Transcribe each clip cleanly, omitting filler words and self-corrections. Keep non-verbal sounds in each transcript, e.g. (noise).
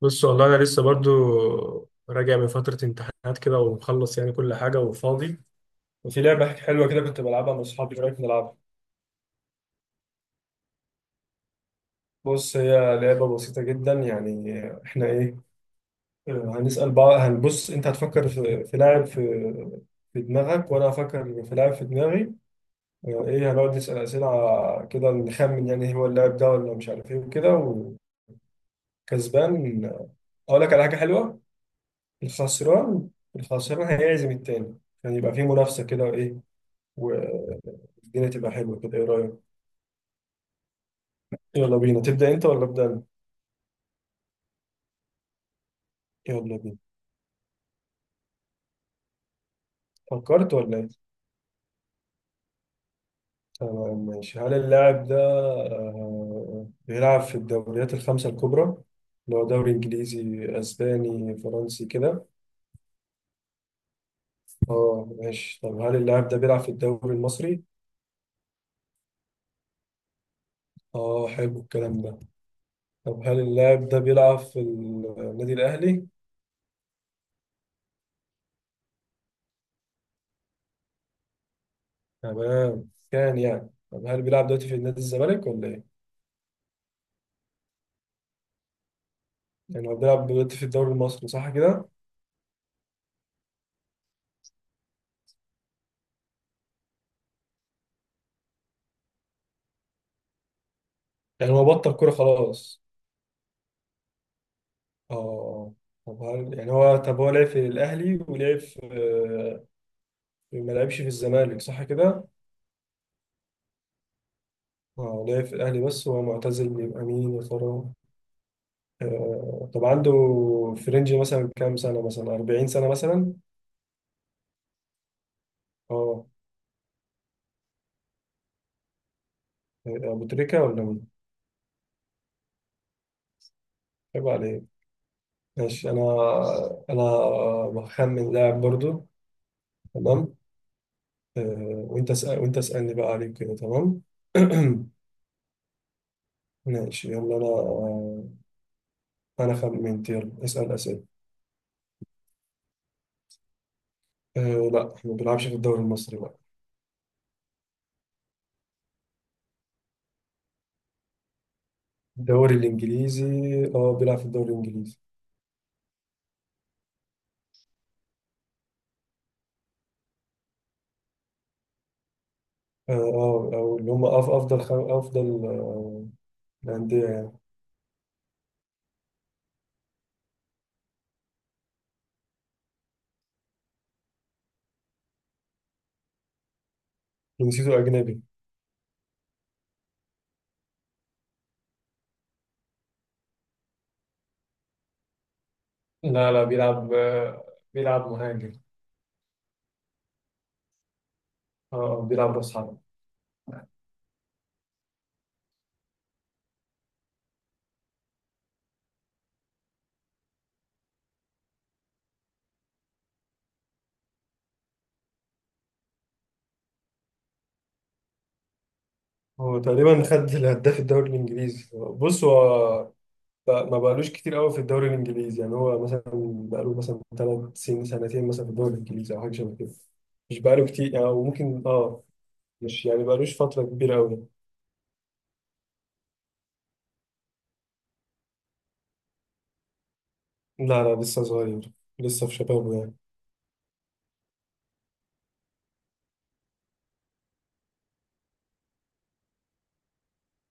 بص والله انا لسه برضو راجع من فتره امتحانات كده ومخلص يعني كل حاجه وفاضي. وفي لعبه حلوه كده كنت بلعبها مع اصحابي، ايه رايك نلعبها؟ بص هي لعبه بسيطه جدا يعني. احنا ايه؟ آه، هنسال بعض. هنبص انت هتفكر في لاعب في في دماغك وانا هفكر في لاعب في دماغي. ايه، هنقعد نسال اسئله كده نخمن يعني هو اللاعب ده ولا مش عارف ايه وكده، وكسبان اقول لك على حاجه حلوه. الخسران، الخسران هيعزم التاني، يعني يبقى في منافسه كده وايه، والدنيا تبقى حلوة كده. ايه رأيك؟ يلا بينا، تبدأ انت ولا أبدأ انا؟ يلا بينا. فكرت ولا ايه؟ تمام ماشي، هل اللاعب ده بيلعب في الدوريات الخمسة الكبرى؟ اللي هو دوري انجليزي، اسباني، فرنسي كده. اه ماشي، طب هل اللاعب ده بيلعب في الدوري المصري؟ اه، حلو الكلام ده. طب هل اللاعب ده بيلعب في النادي الاهلي؟ تمام، كان يعني. طب هل بيلعب دلوقتي في نادي الزمالك ولا ايه؟ يعني هو بيلعب دلوقتي في الدوري المصري صح كده؟ يعني هو بطل كورة خلاص. اه. طب هل يعني هو، طب هو لعب في الأهلي ولعب في ما لعبش في الزمالك صح كده؟ اه، لعب في الأهلي بس وهو معتزل، يبقى مين يا ترى؟ طب عنده فرنجي مثلا كام سنة، مثلا 40 سنة مثلا؟ اه. أبو تريكة ولا مين؟ عيب عليك. ماشي. أنا بخمن لاعب برضو. تمام. وأنت اسألني بقى عليه كده تمام؟ (clears throat) ماشي يلا أنا. انا خالد منت، يلا اسال اسئله. أه. لا احنا ما بنلعبش في الدوري المصري، لا. الدوري الانجليزي. اه، بيلعب في الدوري الانجليزي. اه. او اللي هم افضل الانديه يعني. جنسيته اجنبي. لا لا، بيلعب بيلعب مهاجم. اه. بيلعب راس حرب. هو تقريبا خد الهداف الدوري الانجليزي. بص هو ما بقالوش كتير قوي في الدوري الانجليزي، يعني هو مثلا بقاله مثلا ثلاث سنين، سنتين مثلا في الدوري الانجليزي، او حاجه شبه كده. مش بقاله كتير يعني، أو ممكن اه، مش يعني بقالوش فترة كبيرة أوي. لا لا، لسه صغير، لسه في شبابه يعني.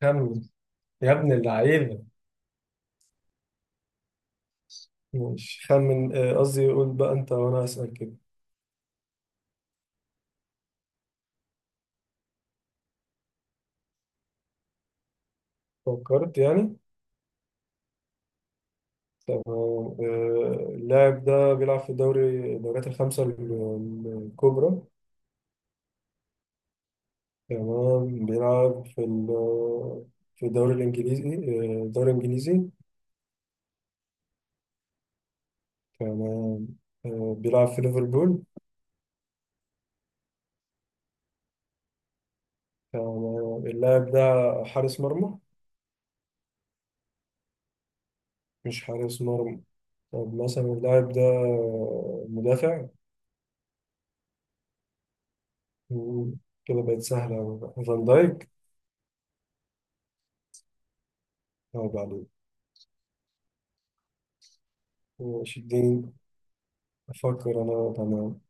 خمن يا ابن اللعيبة. مش خمن، قصدي قول بقى أنت وأنا أسأل كده. فكرت يعني. تمام. اللاعب ده بيلعب في الدوريات الخمسة الكبرى. تمام بيلعب في في الدوري الإنجليزي. الدوري الإنجليزي. تمام. بيلعب في ليفربول. تمام. اللاعب ده حارس مرمى؟ مش حارس مرمى. طب مثلا اللاعب ده مدافع. مم، كده بقت سهلة أوي بقى. فان دايك. أو بعدين. ماشي اديني أفكر أنا. تمام.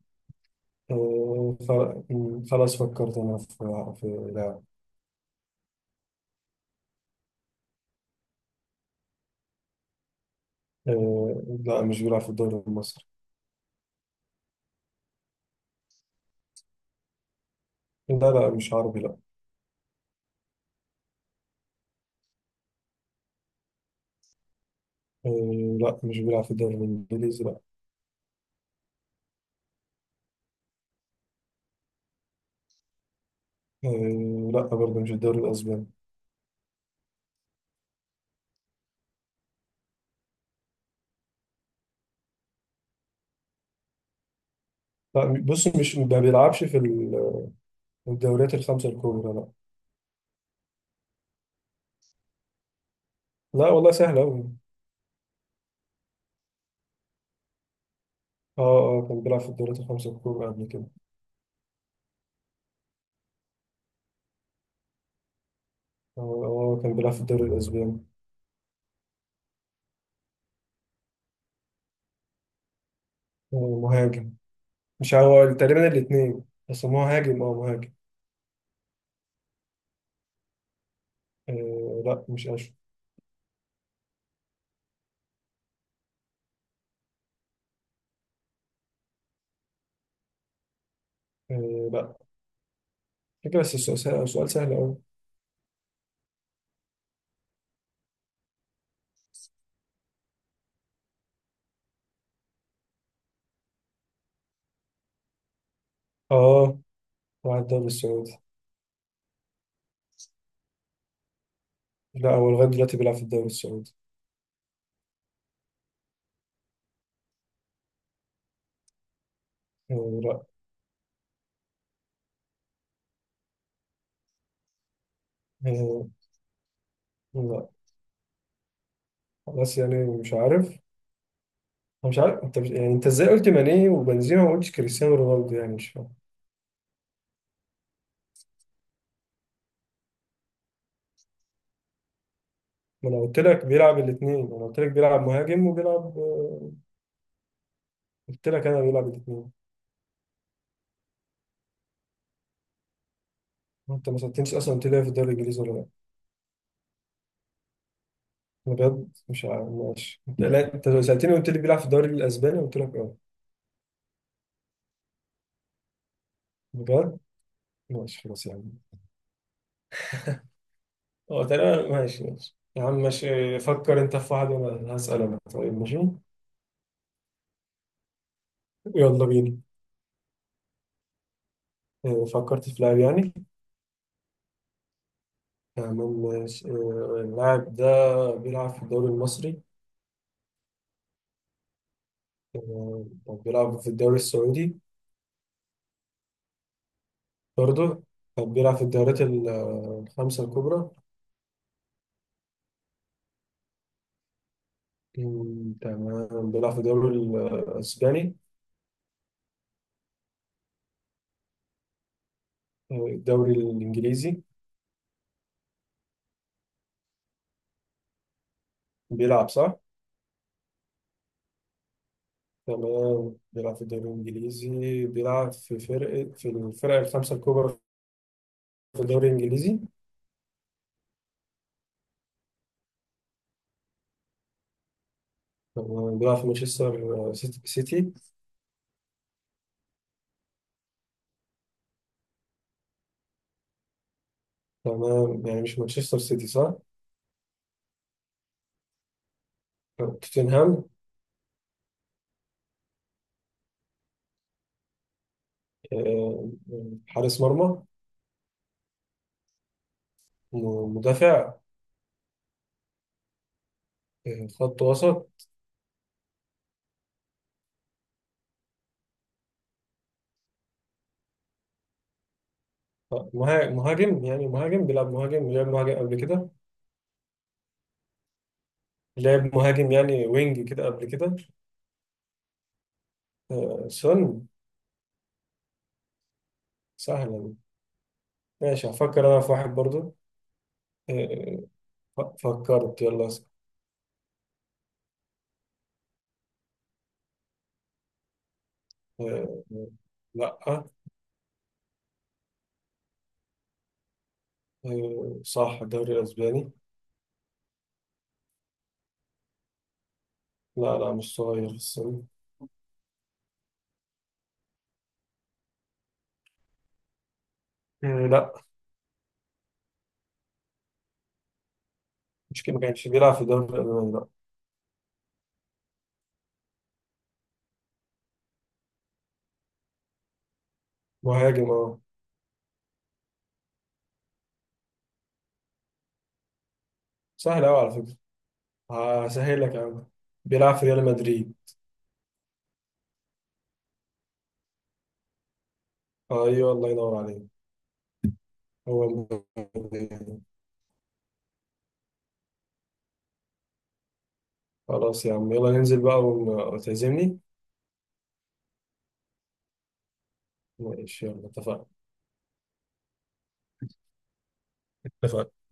خلاص فكرت أنا في لاعب. لا مش بيلعب في الدوري المصري، لا. لا مش عربي، لا. لا مش بيلعب في الدوري الإنجليزي، لا. لا برضه مش الدوري الأسباني. لا بص مش، ما بيلعبش في الدوريات الخمسة الكبرى، لا. لا والله سهلة أوي. اه اه، كان بيلعب في الدوريات الخمسة الكبرى قبل كده. اه. كان بيلعب في الدوري الأسباني. مهاجم، مش هو تقريبا الاتنين، بس هو مهاجم، اه مهاجم. آه لا، مش أشو. آه لا. فكرة بس، السؤال سهل، السؤال سهل أوي. اه، راح الدوري السعودي. لا هو لغاية دلوقتي بيلعب في الدوري السعودي. آه لا. آه لا. خلاص يعني مش عارف. أنا مش عارف انت مش، يعني انت ازاي قلت ماني وبنزيما وما قلتش كريستيانو رونالدو، يعني مش فاهم. ما انا قلت لك بيلعب الاثنين، انا قلت لك بيلعب مهاجم وبيلعب قلت لك انا بيلعب الاثنين. انت ما سالتنيش اصلا، قلت لي في الدوري الانجليزي ولا لا. انا بجد مش عارف. ماشي انت، لا انت سالتني وقلت لي بيلعب في الدوري الاسباني، قلت لك اه. بجد. ماشي خلاص يا عم. اه تمام ماشي، ماشي يا عم ماشي. فكر انت في واحد وانا هسال انا، طيب ماشي. يلا بينا. فكرت في لاعب يعني. تمام ماشي. اللاعب ده بيلعب في الدوري المصري؟ طب بيلعب في الدوري السعودي؟ برضه؟ طب بيلعب في الدوريات الخمسة الكبرى؟ تمام. بيلعب في الدوري الأسباني؟ الدوري الإنجليزي؟ بيلعب صح؟ تمام بيلعب في الدوري الإنجليزي. بيلعب في الفرق الخمسة الكبرى في الدوري الإنجليزي. تمام بيلعب في مانشستر سيتي. تمام، يعني مش مانشستر سيتي صح؟ توتنهام. آه، حارس مرمى؟ مدافع؟ خط وسط؟ مهاجم يعني، مهاجم بيلعب، مهاجم لعب مهاجم قبل كده. لعب مهاجم يعني وينج كده قبل كده. سن. سهلا. ماشي هفكر انا في واحد برضو. آه، ف- فكرت، يلا اسأل. آه، لا. صح الدوري الاسباني. لا لا مش صغير في السن. لا مش كده، ما كانش بيلعب في الدوري الالماني، لا. مهاجم اه. سهل قوي على فكره. هسهل لك يا عم. بيلعب في ريال مدريد. ايوه الله ينور عليك. هو مدريد. خلاص يا عم، يلا ننزل بقى وتعزمني. ماشي يلا اتفقنا. اتفقنا.